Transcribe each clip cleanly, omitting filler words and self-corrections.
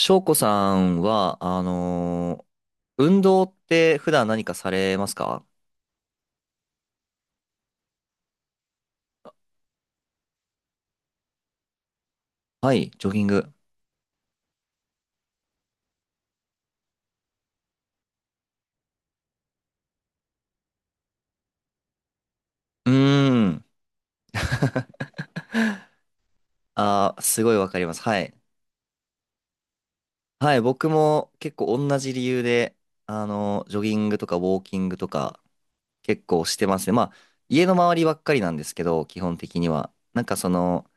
翔子さんは、運動って普段何かされますか？はい、ジョギング。うーん。あー、すごいわかります。はい。はい、僕も結構同じ理由で、ジョギングとかウォーキングとか結構してますね。まあ、家の周りばっかりなんですけど、基本的には。なんかその、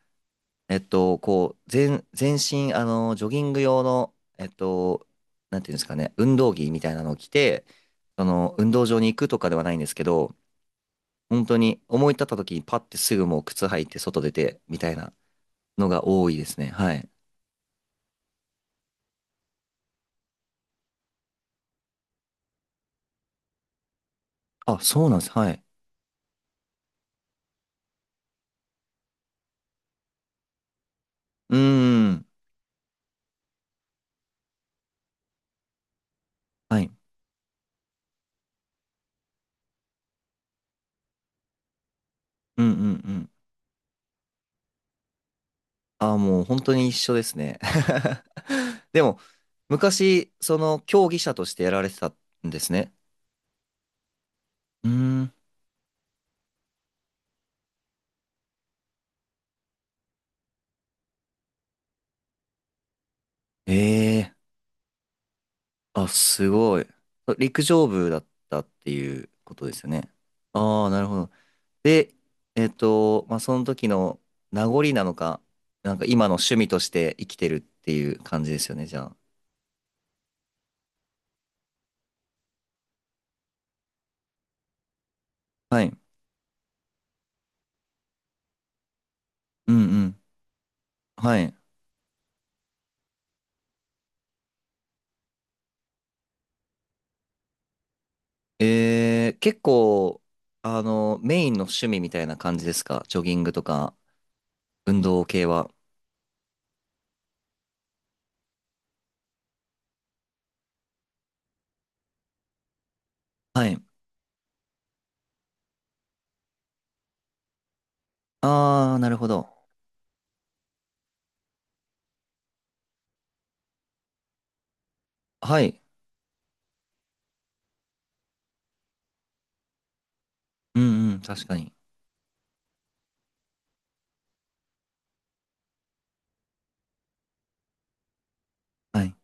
こう、全身、ジョギング用の、なんていうんですかね、運動着みたいなのを着て、その、運動場に行くとかではないんですけど、本当に思い立った時にパッてすぐもう靴履いて外出てみたいなのが多いですね。はい。あ、そうなんです。はい。うーん。はい。うんうんうん。あ、もう本当に一緒ですね。でも、昔、その競技者としてやられてたんですね。うーん。ええー。あ、すごい。陸上部だったっていうことですよね。ああ、なるほど。で、まあ、その時の名残なのか、なんか今の趣味として生きてるっていう感じですよね、じゃあ。はい。うんうん。はい。えー、結構、あの、メインの趣味みたいな感じですか、ジョギングとか、運動系は。はい。あー、なるほど。はい。うんうん、確かに。はい。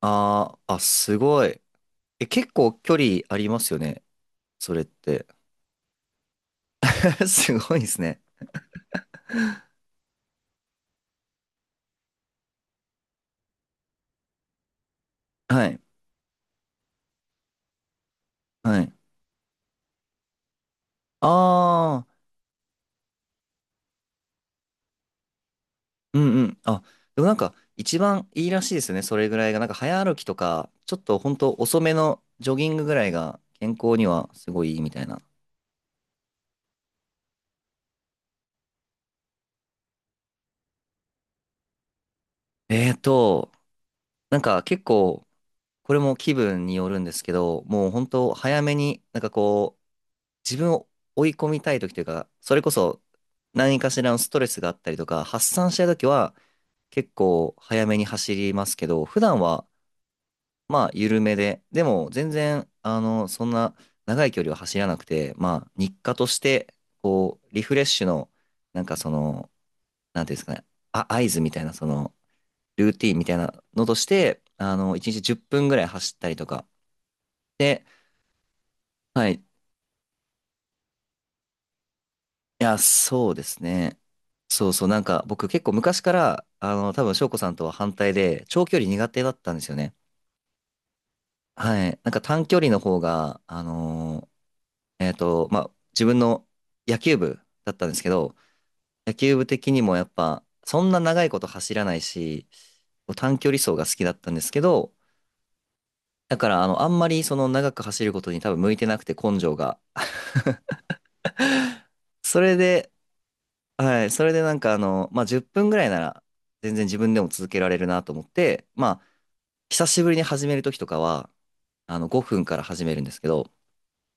あー、あ、すごい。え、結構距離ありますよね、それって。すごいですね。はい。はい。あー。うんうん。あ、でもなんか一番いいらしいですよね。それぐらいが。なんか早歩きとか、ちょっとほんと遅めのジョギングぐらいが健康にはすごいいいみたいな。えーと、なんか結構、これも気分によるんですけど、もうほんと早めに、なんかこう、自分を追い込みたい時というか、それこそ何かしらのストレスがあったりとか、発散したい時は結構早めに走りますけど、普段はまあ、緩めで。でも、全然、あの、そんな長い距離を走らなくて、まあ、日課として、こう、リフレッシュの、なんかその、なんていうんですかね、あ、合図みたいな、その、ルーティンみたいなのとして、あの、1日10分ぐらい走ったりとか。で、はい。いや、そうですね。そうそう、なんか僕結構昔から、あの、多分翔子さんとは反対で、長距離苦手だったんですよね。はい。なんか短距離の方が、あの、まあ、自分の野球部だったんですけど、野球部的にもやっぱ、そんな長いこと走らないし、短距離走が好きだったんですけど、だからあの、あんまりその長く走ることに多分向いてなくて根性が。それで、はい、それでなんかあの、まあ、10分ぐらいなら全然自分でも続けられるなと思って、まあ、久しぶりに始める時とかは、あの、5分から始めるんですけど、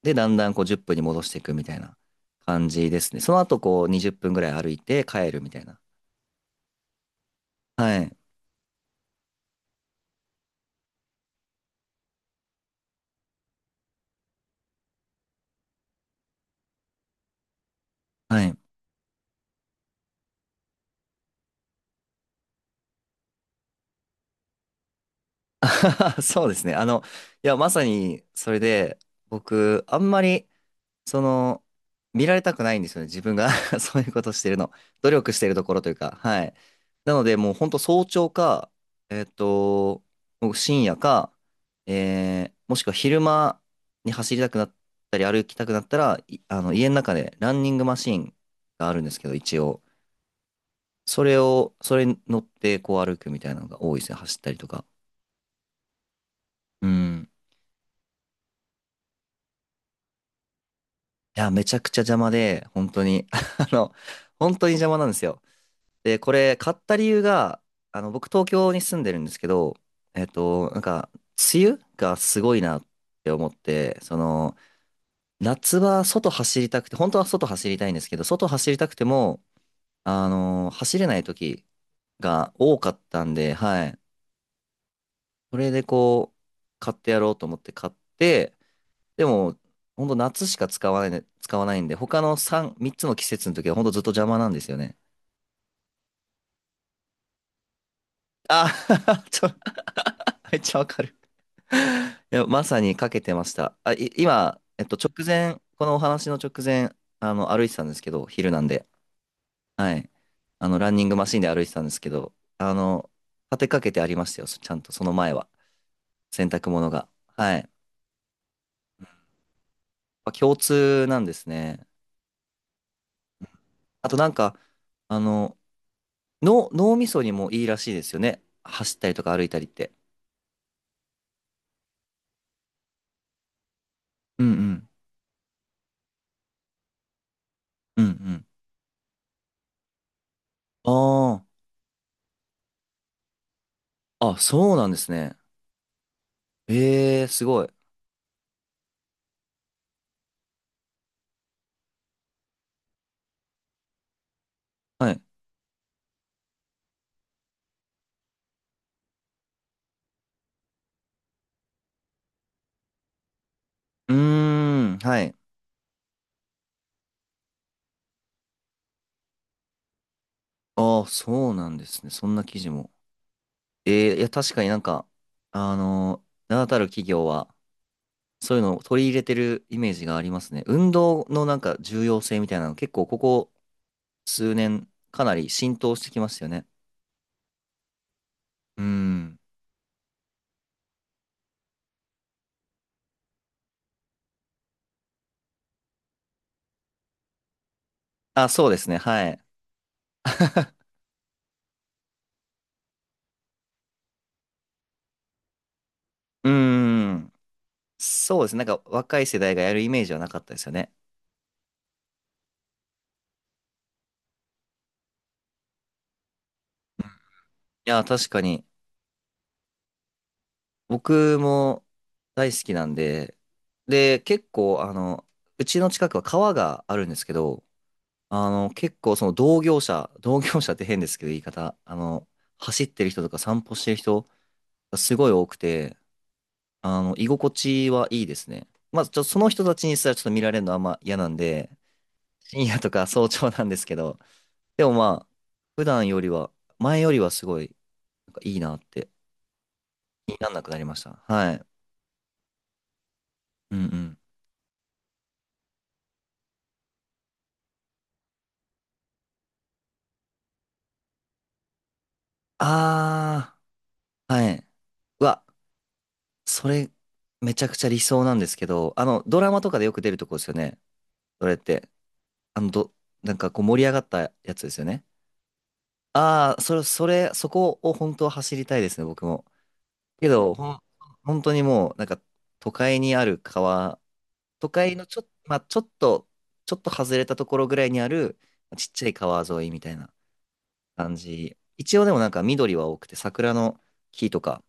で、だんだんこう10分に戻していくみたいな感じですね。その後こう20分ぐらい歩いて帰るみたいな。はい。はい。そうですね。あの、いや、まさに、それで、僕、あんまり、その、見られたくないんですよね。自分が そういうことしてるの。努力してるところというか、はい。なので、もう、ほんと早朝か、えっと、もう深夜か、もしくは昼間に走りたくなったり、歩きたくなったら、い、あの、家の中で、ランニングマシンがあるんですけど、一応。それを、それに乗って、こう歩くみたいなのが多いですね。走ったりとか。うん。いや、めちゃくちゃ邪魔で、本当に、あの、本当に邪魔なんですよ。で、これ、買った理由が、あの、僕、東京に住んでるんですけど、なんか、梅雨がすごいなって思って、その、夏は外走りたくて、本当は外走りたいんですけど、外走りたくても、あの、走れない時が多かったんで、はい。それで、こう、買ってやろうと思って買って、でも、ほんと夏しか使わないね、使わないんで、他の3つの季節の時はほんとずっと邪魔なんですよね。あ、ちょ、めっちゃわかる。いや、まさにかけてました。今、直前、このお話の直前、あの、歩いてたんですけど、昼なんで。はい。あの、ランニングマシンで歩いてたんですけど、あの、立てかけてありましたよ。そ、ちゃんと、その前は。洗濯物が。はい。あ、共通なんですね。あとなんか、あの、脳みそにもいいらしいですよね。走ったりとか歩いたりって。うんうん。うんうん。ああ。あ、そうなんですね。ええ、すごい。はい。うーん、はい。ああ、そうなんですね。そんな記事も。ええ、いや、確かになんか、名だたる企業は、そういうのを取り入れてるイメージがありますね。運動のなんか重要性みたいなの、結構ここ数年、かなり浸透してきましたよね。うーん。あ、そうですね。はい。うーん。そうですね。なんか若い世代がやるイメージはなかったですよね。いや、確かに。僕も大好きなんで、で、結構、あの、うちの近くは川があるんですけど、あの、結構その同業者、同業者って変ですけど言い方、あの、走ってる人とか散歩してる人がすごい多くて、あの、居心地はいいですね。まず、ちょっとその人たちにすらちょっと見られるのはあんま嫌なんで、深夜とか早朝なんですけど、でもまあ、普段よりは、前よりはすごい、なんかいいなって気になんなくなりました。はい。うんうん。あー、はい。うわ、それ、めちゃくちゃ理想なんですけど、あの、ドラマとかでよく出るとこですよね。それって。あの、ど、なんかこう盛り上がったやつですよね。ああ、そこを本当は走りたいですね、僕も。けど、ほん、本当にもう、なんか、都会にある川、都会のちょ、まあ、ちょっと、ちょっと外れたところぐらいにある、ちっちゃい川沿いみたいな。感じ。一応でもなんか緑は多くて桜の木とか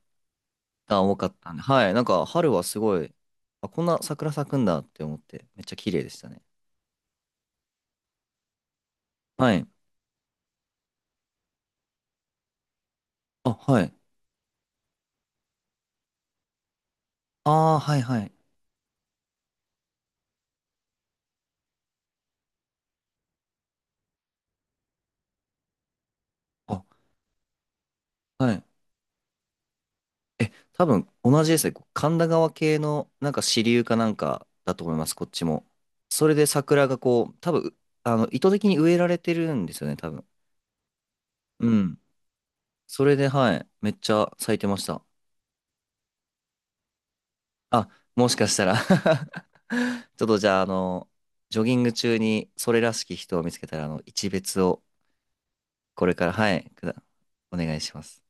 が多かったんで、はい、なんか春はすごい、あ、こんな桜咲くんだって思ってめっちゃ綺麗でしたね。はい。あ、はい。ああ、はいはい。あ、はい。え、多分同じですね。神田川系のなんか支流かなんかだと思います、こっちも。それで桜がこう、多分、あの、意図的に植えられてるんですよね、多分。うん。それで、はい、めっちゃ咲いてました。あ、もしかしたら ちょっとじゃあ、あの、ジョギング中にそれらしき人を見つけたら、あの、一別をこれから、はい、くだ、お願いします。